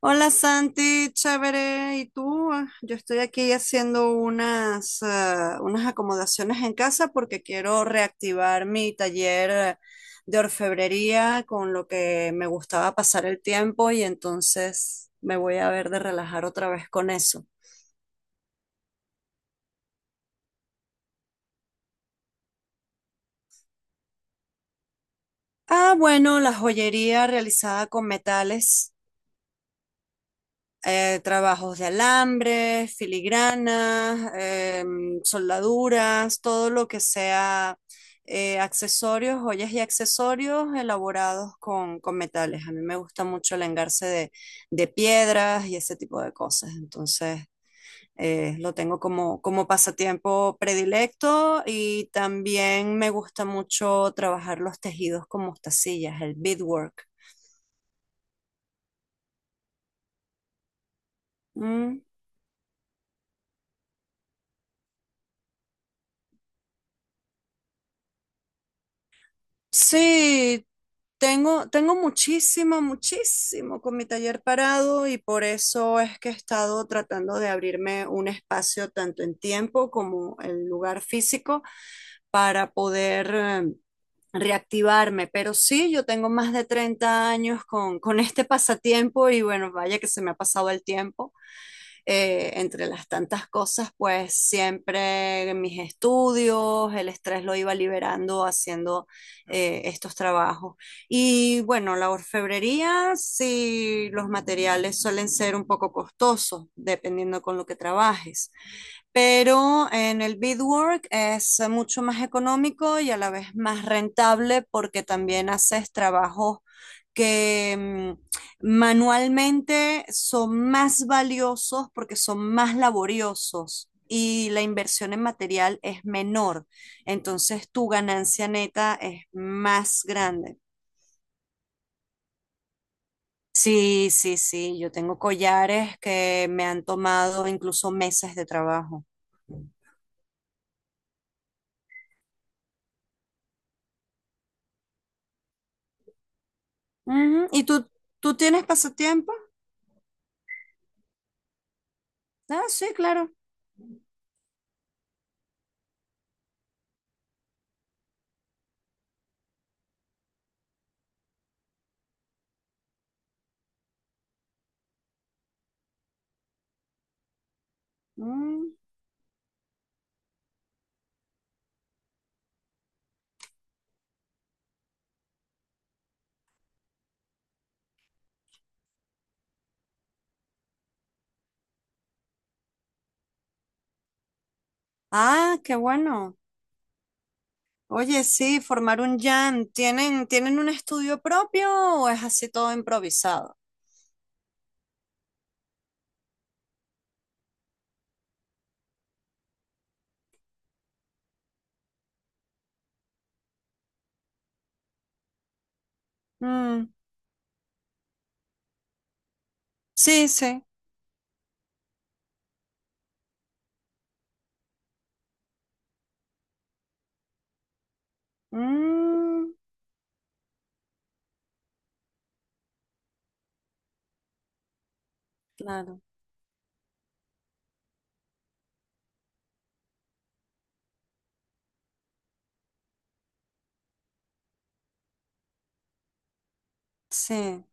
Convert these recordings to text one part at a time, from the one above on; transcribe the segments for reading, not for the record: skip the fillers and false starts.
Hola Santi, chévere. ¿Y tú? Yo estoy aquí haciendo unas acomodaciones en casa porque quiero reactivar mi taller de orfebrería con lo que me gustaba pasar el tiempo y entonces me voy a ver de relajar otra vez con eso. Ah, bueno, la joyería realizada con metales. Trabajos de alambres, filigranas, soldaduras, todo lo que sea accesorios, joyas y accesorios elaborados con metales. A mí me gusta mucho el engarce de piedras y ese tipo de cosas. Entonces, lo tengo como pasatiempo predilecto y también me gusta mucho trabajar los tejidos con mostacillas, el beadwork. Mm. Sí, tengo muchísimo, muchísimo con mi taller parado y por eso es que he estado tratando de abrirme un espacio tanto en tiempo como en lugar físico para poder reactivarme. Pero sí, yo tengo más de 30 años con este pasatiempo y bueno, vaya que se me ha pasado el tiempo entre las tantas cosas, pues siempre mis estudios, el estrés lo iba liberando haciendo estos trabajos. Y bueno, la orfebrería, sí, los materiales suelen ser un poco costosos, dependiendo con lo que trabajes, pero en el beadwork es mucho más económico y a la vez más rentable porque también haces trabajos que manualmente son más valiosos porque son más laboriosos y la inversión en material es menor. Entonces tu ganancia neta es más grande. Sí, sí, sí, yo tengo collares que me han tomado incluso meses de trabajo. Ujú. ¿Y tú tienes pasatiempos? Ah, sí, claro. Mm. Ah, qué bueno. Oye, sí, formar un jam. Tienen un estudio propio o es así todo improvisado? Mm. Sí, sí. Mm. Claro. Sí,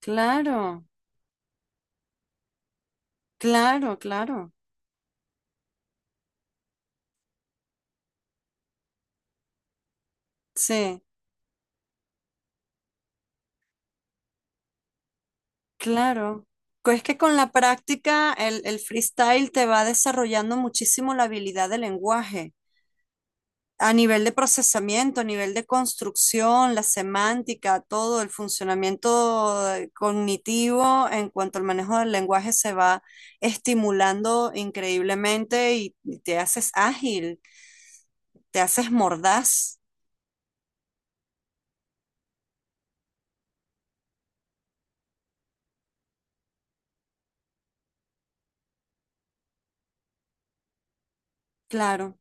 claro, claro, claro. Sí, claro. Es que con la práctica el freestyle te va desarrollando muchísimo la habilidad de lenguaje, a nivel de procesamiento, a nivel de construcción, la semántica, todo el funcionamiento cognitivo en cuanto al manejo del lenguaje se va estimulando increíblemente y te haces ágil, te haces mordaz. Claro,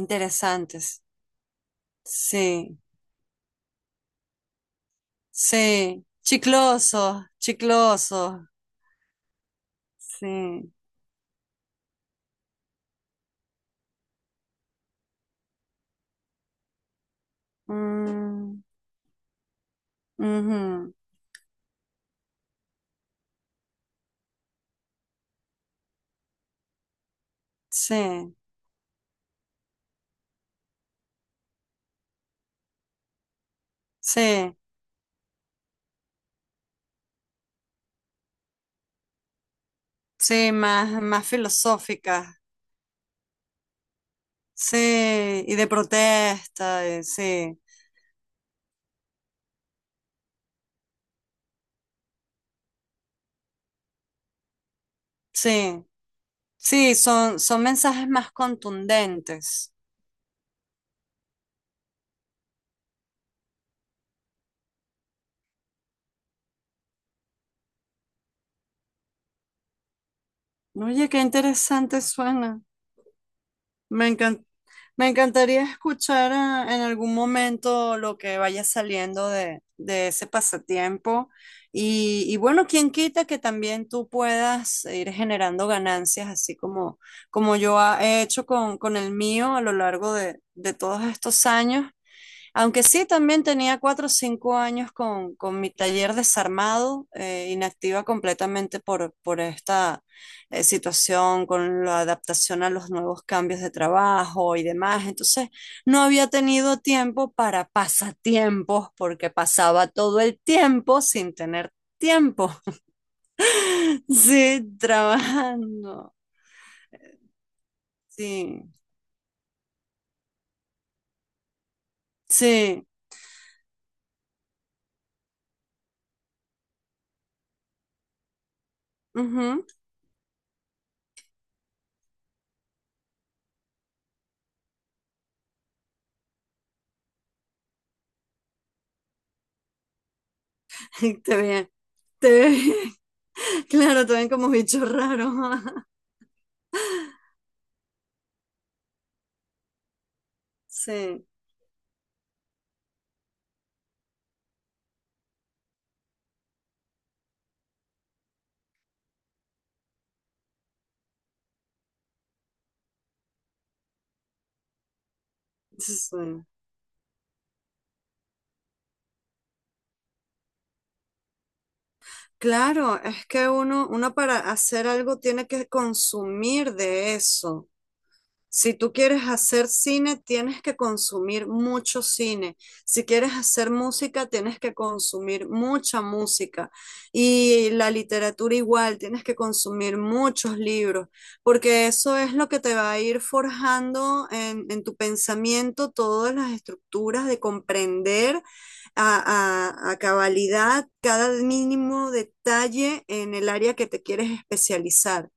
interesantes. Sí, sí, chiclosos, chiclosos. Sí. Mm. Ujú. Sí, sí, sí, más, más filosóficas. Sí, y de protesta, y sí, sí, sí, son, son mensajes más contundentes. Oye, qué interesante suena. Me encan- Me encantaría escuchar en algún momento lo que vaya saliendo de ese pasatiempo. Y bueno, quién quita que también tú puedas ir generando ganancias, así como yo he hecho con el mío a lo largo de todos estos años. Aunque sí, también tenía 4 o 5 años con mi taller desarmado, inactiva completamente por esta situación, con la adaptación a los nuevos cambios de trabajo y demás. Entonces, no había tenido tiempo para pasatiempos porque pasaba todo el tiempo sin tener tiempo. Sí, trabajando. Sí, sí. Ujú. Te ve, te ve. Claro, te ven como bicho raro. Sí, sí. Sí. Claro, es que uno, uno para hacer algo tiene que consumir de eso. Si tú quieres hacer cine, tienes que consumir mucho cine. Si quieres hacer música, tienes que consumir mucha música. Y la literatura igual, tienes que consumir muchos libros, porque eso es lo que te va a ir forjando en tu pensamiento todas las estructuras de comprender a cabalidad cada mínimo detalle en el área que te quieres especializar.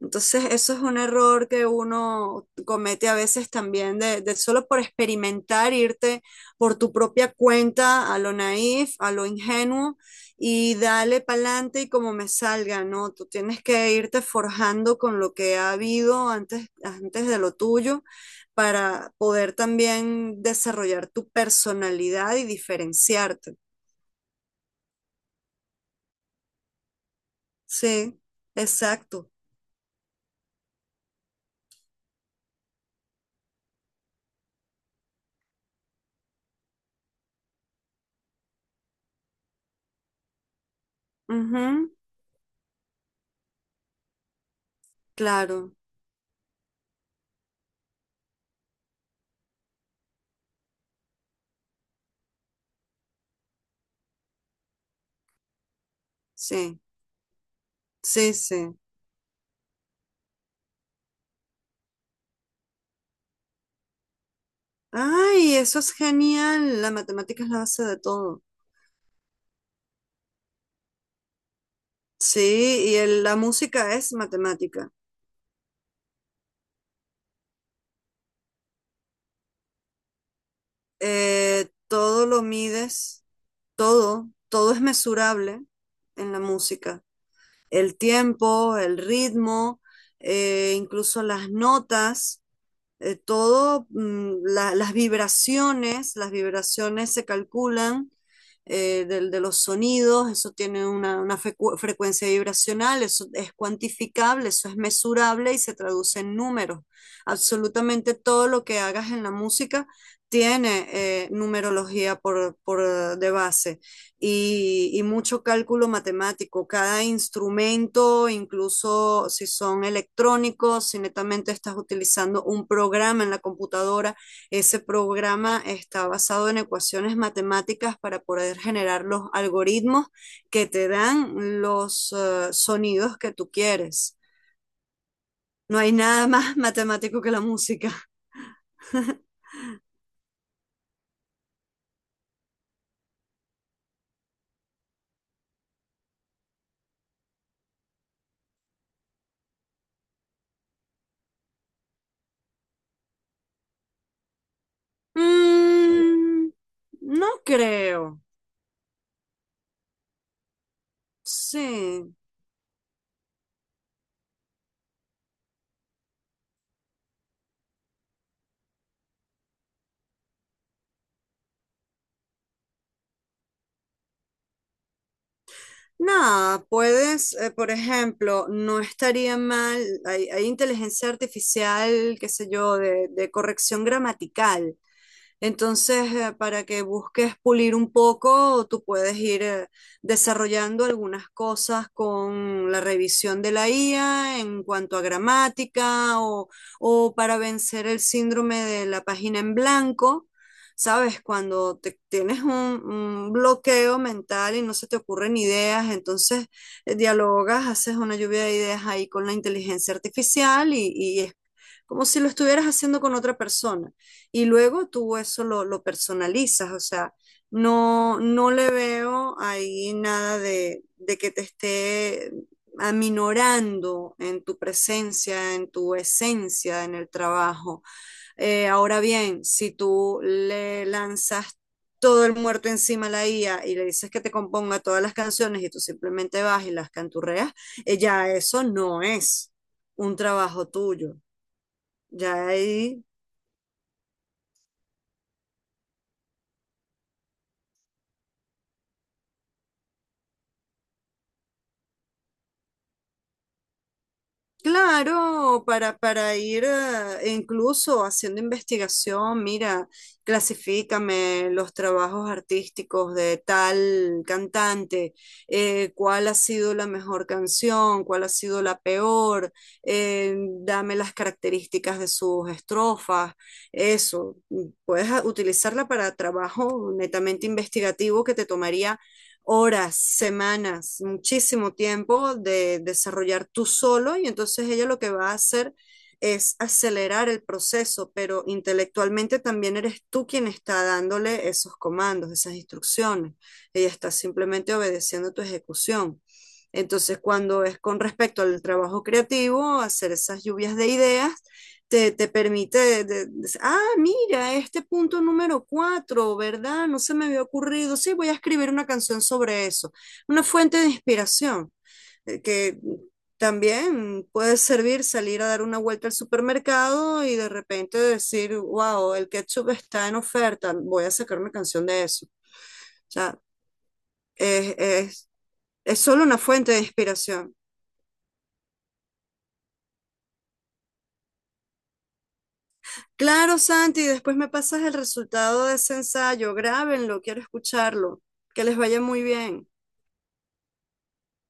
Entonces, eso es un error que uno comete a veces también, de solo por experimentar, irte por tu propia cuenta a lo naif, a lo ingenuo y dale pa'lante y como me salga, ¿no? Tú tienes que irte forjando con lo que ha habido antes, antes de lo tuyo para poder también desarrollar tu personalidad y diferenciarte. Sí, exacto. Ujú, claro, sí, sí, sí. Ay, eso es genial. La matemática es la base de todo. Sí, y la música es matemática. Todo lo mides, todo, todo es mesurable en la música. El tiempo, el ritmo, incluso las notas. Eh, todo, las vibraciones se calculan de los sonidos, eso tiene una frecuencia vibracional, eso es cuantificable, eso es mesurable y se traduce en números. Absolutamente todo lo que hagas en la música tiene numerología por de base y mucho cálculo matemático. Cada instrumento, incluso si son electrónicos, si netamente estás utilizando un programa en la computadora, ese programa está basado en ecuaciones matemáticas para poder generar los algoritmos que te dan los sonidos que tú quieres. No hay nada más matemático que la música. Mm, no creo. Sí, nada, puedes, por ejemplo, no estaría mal, hay inteligencia artificial, qué sé yo, de corrección gramatical. Entonces, para que busques pulir un poco, tú puedes ir desarrollando algunas cosas con la revisión de la IA en cuanto a gramática o para vencer el síndrome de la página en blanco. ¿Sabes? Cuando tienes un bloqueo mental y no se te ocurren ideas, entonces dialogas, haces una lluvia de ideas ahí con la inteligencia artificial y es como si lo estuvieras haciendo con otra persona. Y luego tú eso lo personalizas, o sea, no, no le veo ahí nada de que te esté aminorando en tu presencia, en tu esencia, en el trabajo. Ahora bien, si tú le lanzas todo el muerto encima a la IA y le dices que te componga todas las canciones y tú simplemente vas y las canturreas, ya eso no es un trabajo tuyo. Ya ahí claro, para ir incluso haciendo investigación, mira, clasifícame los trabajos artísticos de tal cantante, cuál ha sido la mejor canción, cuál ha sido la peor, dame las características de sus estrofas, eso. Puedes utilizarla para trabajo netamente investigativo que te tomaría horas, semanas, muchísimo tiempo de desarrollar tú solo y entonces ella lo que va a hacer es acelerar el proceso, pero intelectualmente también eres tú quien está dándole esos comandos, esas instrucciones. Ella está simplemente obedeciendo tu ejecución. Entonces, cuando es con respecto al trabajo creativo, hacer esas lluvias de ideas, te permite, mira, este punto número 4, ¿verdad? No se me había ocurrido. Sí, voy a escribir una canción sobre eso. Una fuente de inspiración que también puede servir salir a dar una vuelta al supermercado y de repente decir, wow, el ketchup está en oferta, voy a sacar una canción de eso. O sea, es, es, es solo una fuente de inspiración. Claro, Santi, después me pasas el resultado de ese ensayo. Grábenlo, quiero escucharlo. Que les vaya muy bien.